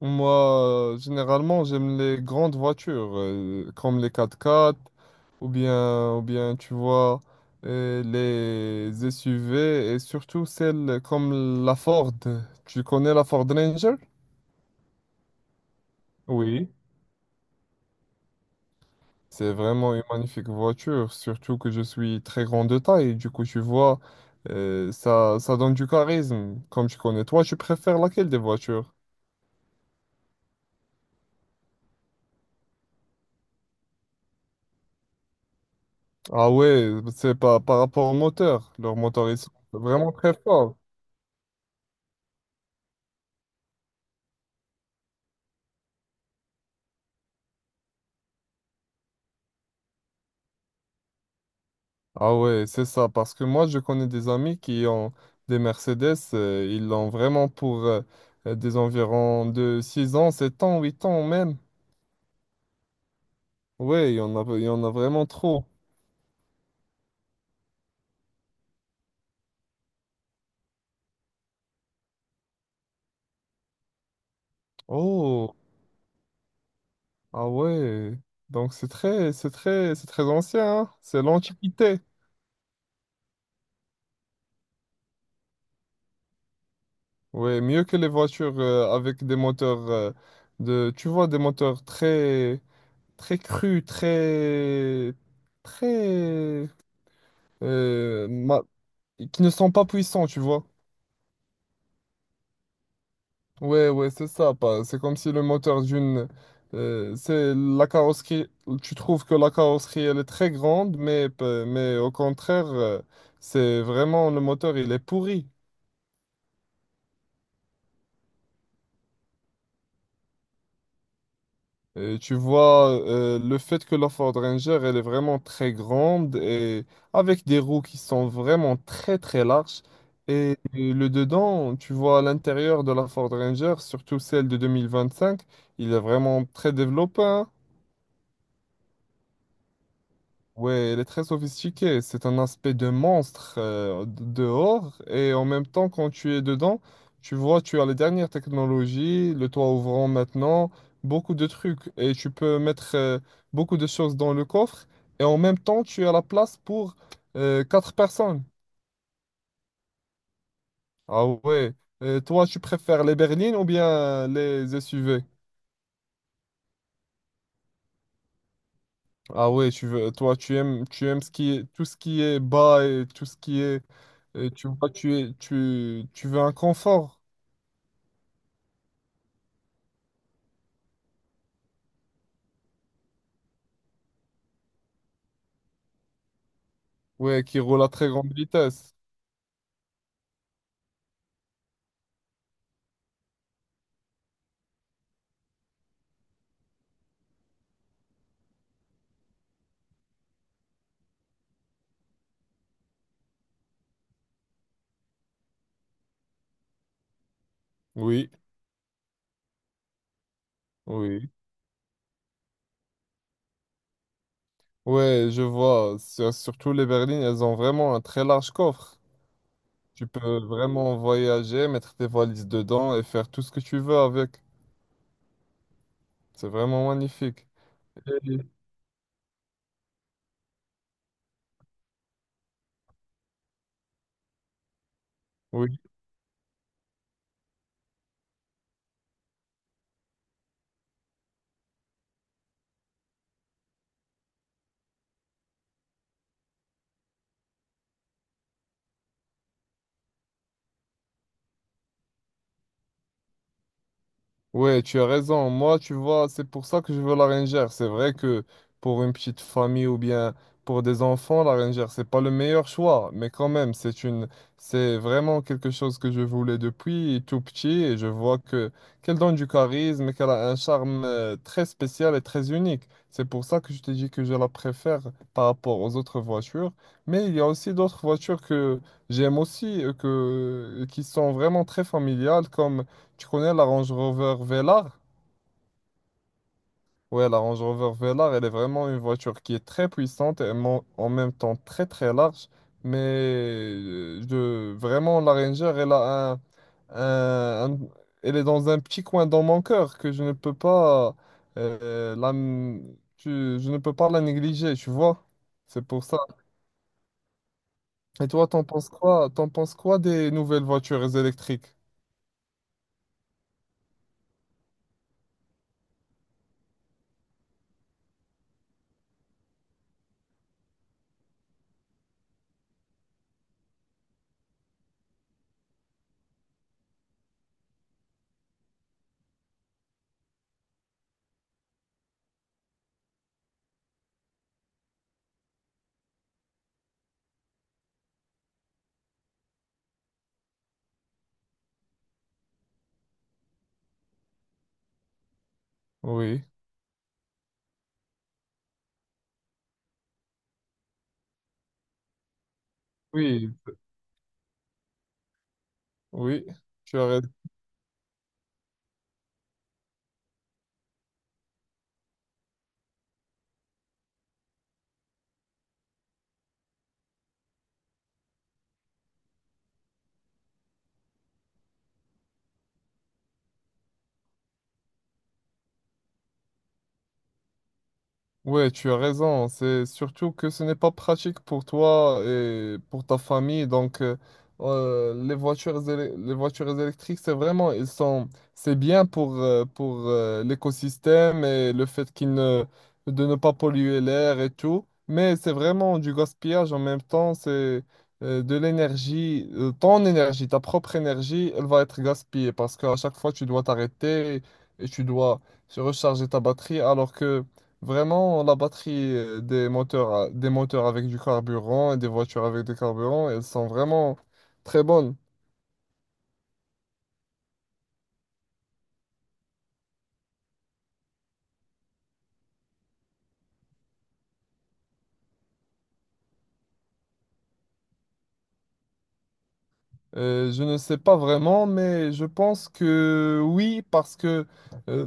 Moi, généralement, j'aime les grandes voitures, comme les quatre-quatre, ou bien, tu vois, les SUV, et surtout celles comme la Ford. Tu connais la Ford Ranger? Oui. C'est vraiment une magnifique voiture, surtout que je suis très grand de taille. Du coup, tu vois, ça donne du charisme. Comme tu connais, toi, tu préfères laquelle des voitures? Ah ouais, c'est pas par rapport au moteur. Leur moteur, ils sont vraiment très forts. Ah ouais, c'est ça, parce que moi je connais des amis qui ont des Mercedes, ils l'ont vraiment pour des environs de 6 ans, 7 ans, 8 ans même. Ouais, il y en a vraiment trop. Oh, ah ouais, donc c'est très ancien, hein. C'est l'antiquité. Ouais, mieux que les voitures avec des moteurs de, tu vois, des moteurs très crus, très, euh, ma- qui ne sont pas puissants, tu vois. Ouais, c'est ça. C'est comme si le moteur d'une, c'est la carrosserie. Tu trouves que la carrosserie, elle est très grande, mais, mais au contraire, c'est vraiment le moteur, il est pourri. Et tu vois, le fait que la Ford Ranger, elle est vraiment très grande et avec des roues qui sont vraiment très larges. Et le dedans, tu vois, à l'intérieur de la Ford Ranger, surtout celle de 2025, il est vraiment très développé, hein. Ouais, elle est très sophistiquée. C'est un aspect de monstre dehors. Et en même temps, quand tu es dedans, tu vois, tu as les dernières technologies, le toit ouvrant maintenant, beaucoup de trucs. Et tu peux mettre beaucoup de choses dans le coffre. Et en même temps, tu as la place pour quatre personnes. Ah ouais. Toi, tu préfères les berlines ou bien les SUV? Ah ouais, tu veux, toi, tu aimes ce qui est, tout ce qui est bas et tout ce qui est. Et tu vois, tu veux un confort, ouais, qui roule à très grande vitesse. Oui, oui. Ouais, je vois. Surtout les berlines, elles ont vraiment un très large coffre. Tu peux vraiment voyager, mettre tes valises dedans et faire tout ce que tu veux avec. C'est vraiment magnifique. Et oui. Ouais, tu as raison. Moi, tu vois, c'est pour ça que je veux la rangère. C'est vrai que pour une petite famille ou bien pour des enfants, la rangère, c'est pas le meilleur choix, mais quand même, c'est vraiment quelque chose que je voulais depuis tout petit et je vois que qu'elle donne du charisme et qu'elle a un charme très spécial et très unique. C'est pour ça que je t'ai dit que je la préfère par rapport aux autres voitures, mais il y a aussi d'autres voitures que j'aime aussi que qui sont vraiment très familiales. Comme tu connais la Range Rover Velar? Ouais, la Range Rover Velar, elle est vraiment une voiture qui est très puissante et en même temps très très large. Mais vraiment, la Ranger, elle a un- un- elle est dans un petit coin dans mon cœur que je ne peux pas, euh, la, je ne peux pas la négliger, tu vois? C'est pour ça. Et toi, t'en penses quoi? T'en penses quoi des nouvelles voitures électriques? Oui. Oui. Oui, tu as raison. Ouais, tu as raison. C'est surtout que ce n'est pas pratique pour toi et pour ta famille. Donc, les voitures, les voitures électriques, c'est vraiment, ils sont, c'est bien pour, l'écosystème et le fait qu'ils ne, de ne pas polluer l'air et tout. Mais c'est vraiment du gaspillage en même temps. C'est de l'énergie, ta propre énergie, elle va être gaspillée parce qu'à chaque fois, tu dois t'arrêter et tu dois recharger ta batterie. Alors que vraiment, la batterie des moteurs avec du carburant et des voitures avec du carburant, elles sont vraiment très bonnes. Je ne sais pas vraiment, mais je pense que oui, parce que euh,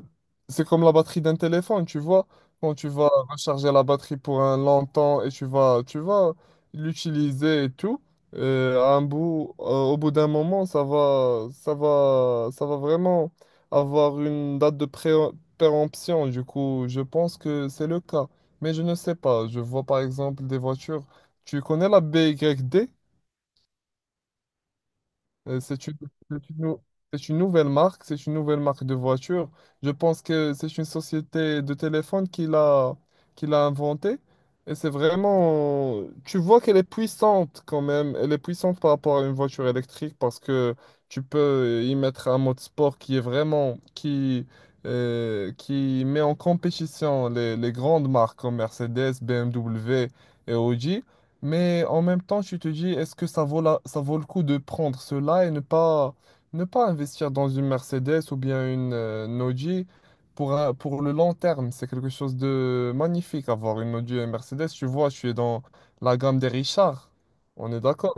c'est comme la batterie d'un téléphone, tu vois. Quand tu vas recharger la batterie pour un long temps et tu vas l'utiliser et tout, au bout d'un moment, ça va vraiment avoir une date de péremption. Du coup, je pense que c'est le cas. Mais je ne sais pas. Je vois par exemple des voitures. Tu connais la B Y D? C'est une, c'est une nou- c'est une nouvelle marque, c'est une nouvelle marque de voiture. Je pense que c'est une société de téléphone qui l'a inventée. Et c'est vraiment... Tu vois qu'elle est puissante quand même. Elle est puissante par rapport à une voiture électrique parce que tu peux y mettre un mode sport qui est vraiment, qui met en compétition les grandes marques comme Mercedes, BMW et Audi. Mais en même temps, tu te dis, est-ce que ça vaut le coup de prendre cela et ne pas investir dans une Mercedes ou bien une Audi pour, pour le long terme? C'est quelque chose de magnifique, avoir une Audi et une Mercedes. Tu vois, je suis dans la gamme des Richards. On est d'accord.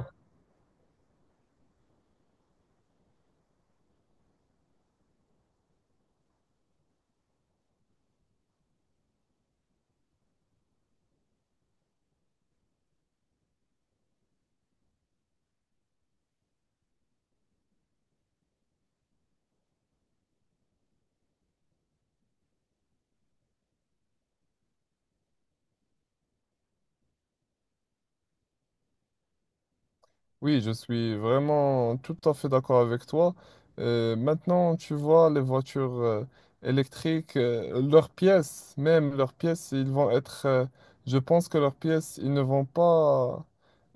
Oui, je suis vraiment tout à fait d'accord avec toi. Maintenant, tu vois, les voitures électriques, même leurs pièces, je pense que leurs pièces, ils ne vont pas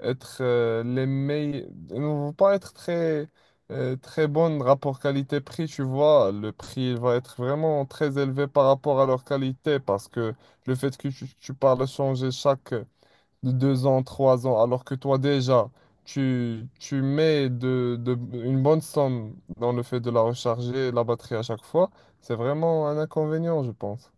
être les meilleurs, ils ne vont pas être très bonnes rapport qualité-prix, tu vois. Le prix il va être vraiment très élevé par rapport à leur qualité parce que le fait que tu parles changer chaque de 2 ans, 3 ans, alors que toi déjà, tu mets une bonne somme dans le fait de la recharger, la batterie à chaque fois, c'est vraiment un inconvénient, je pense.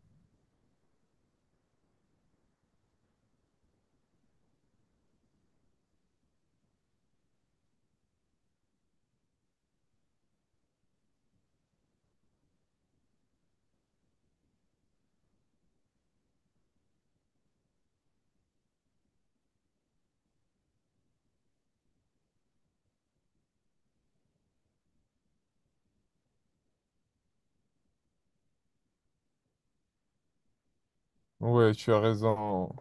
Ouais, tu as raison,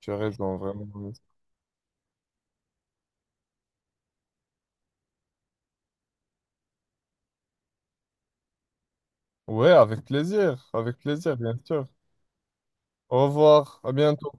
tu as raison, vraiment. Ouais, avec plaisir, bien sûr. Au revoir, à bientôt.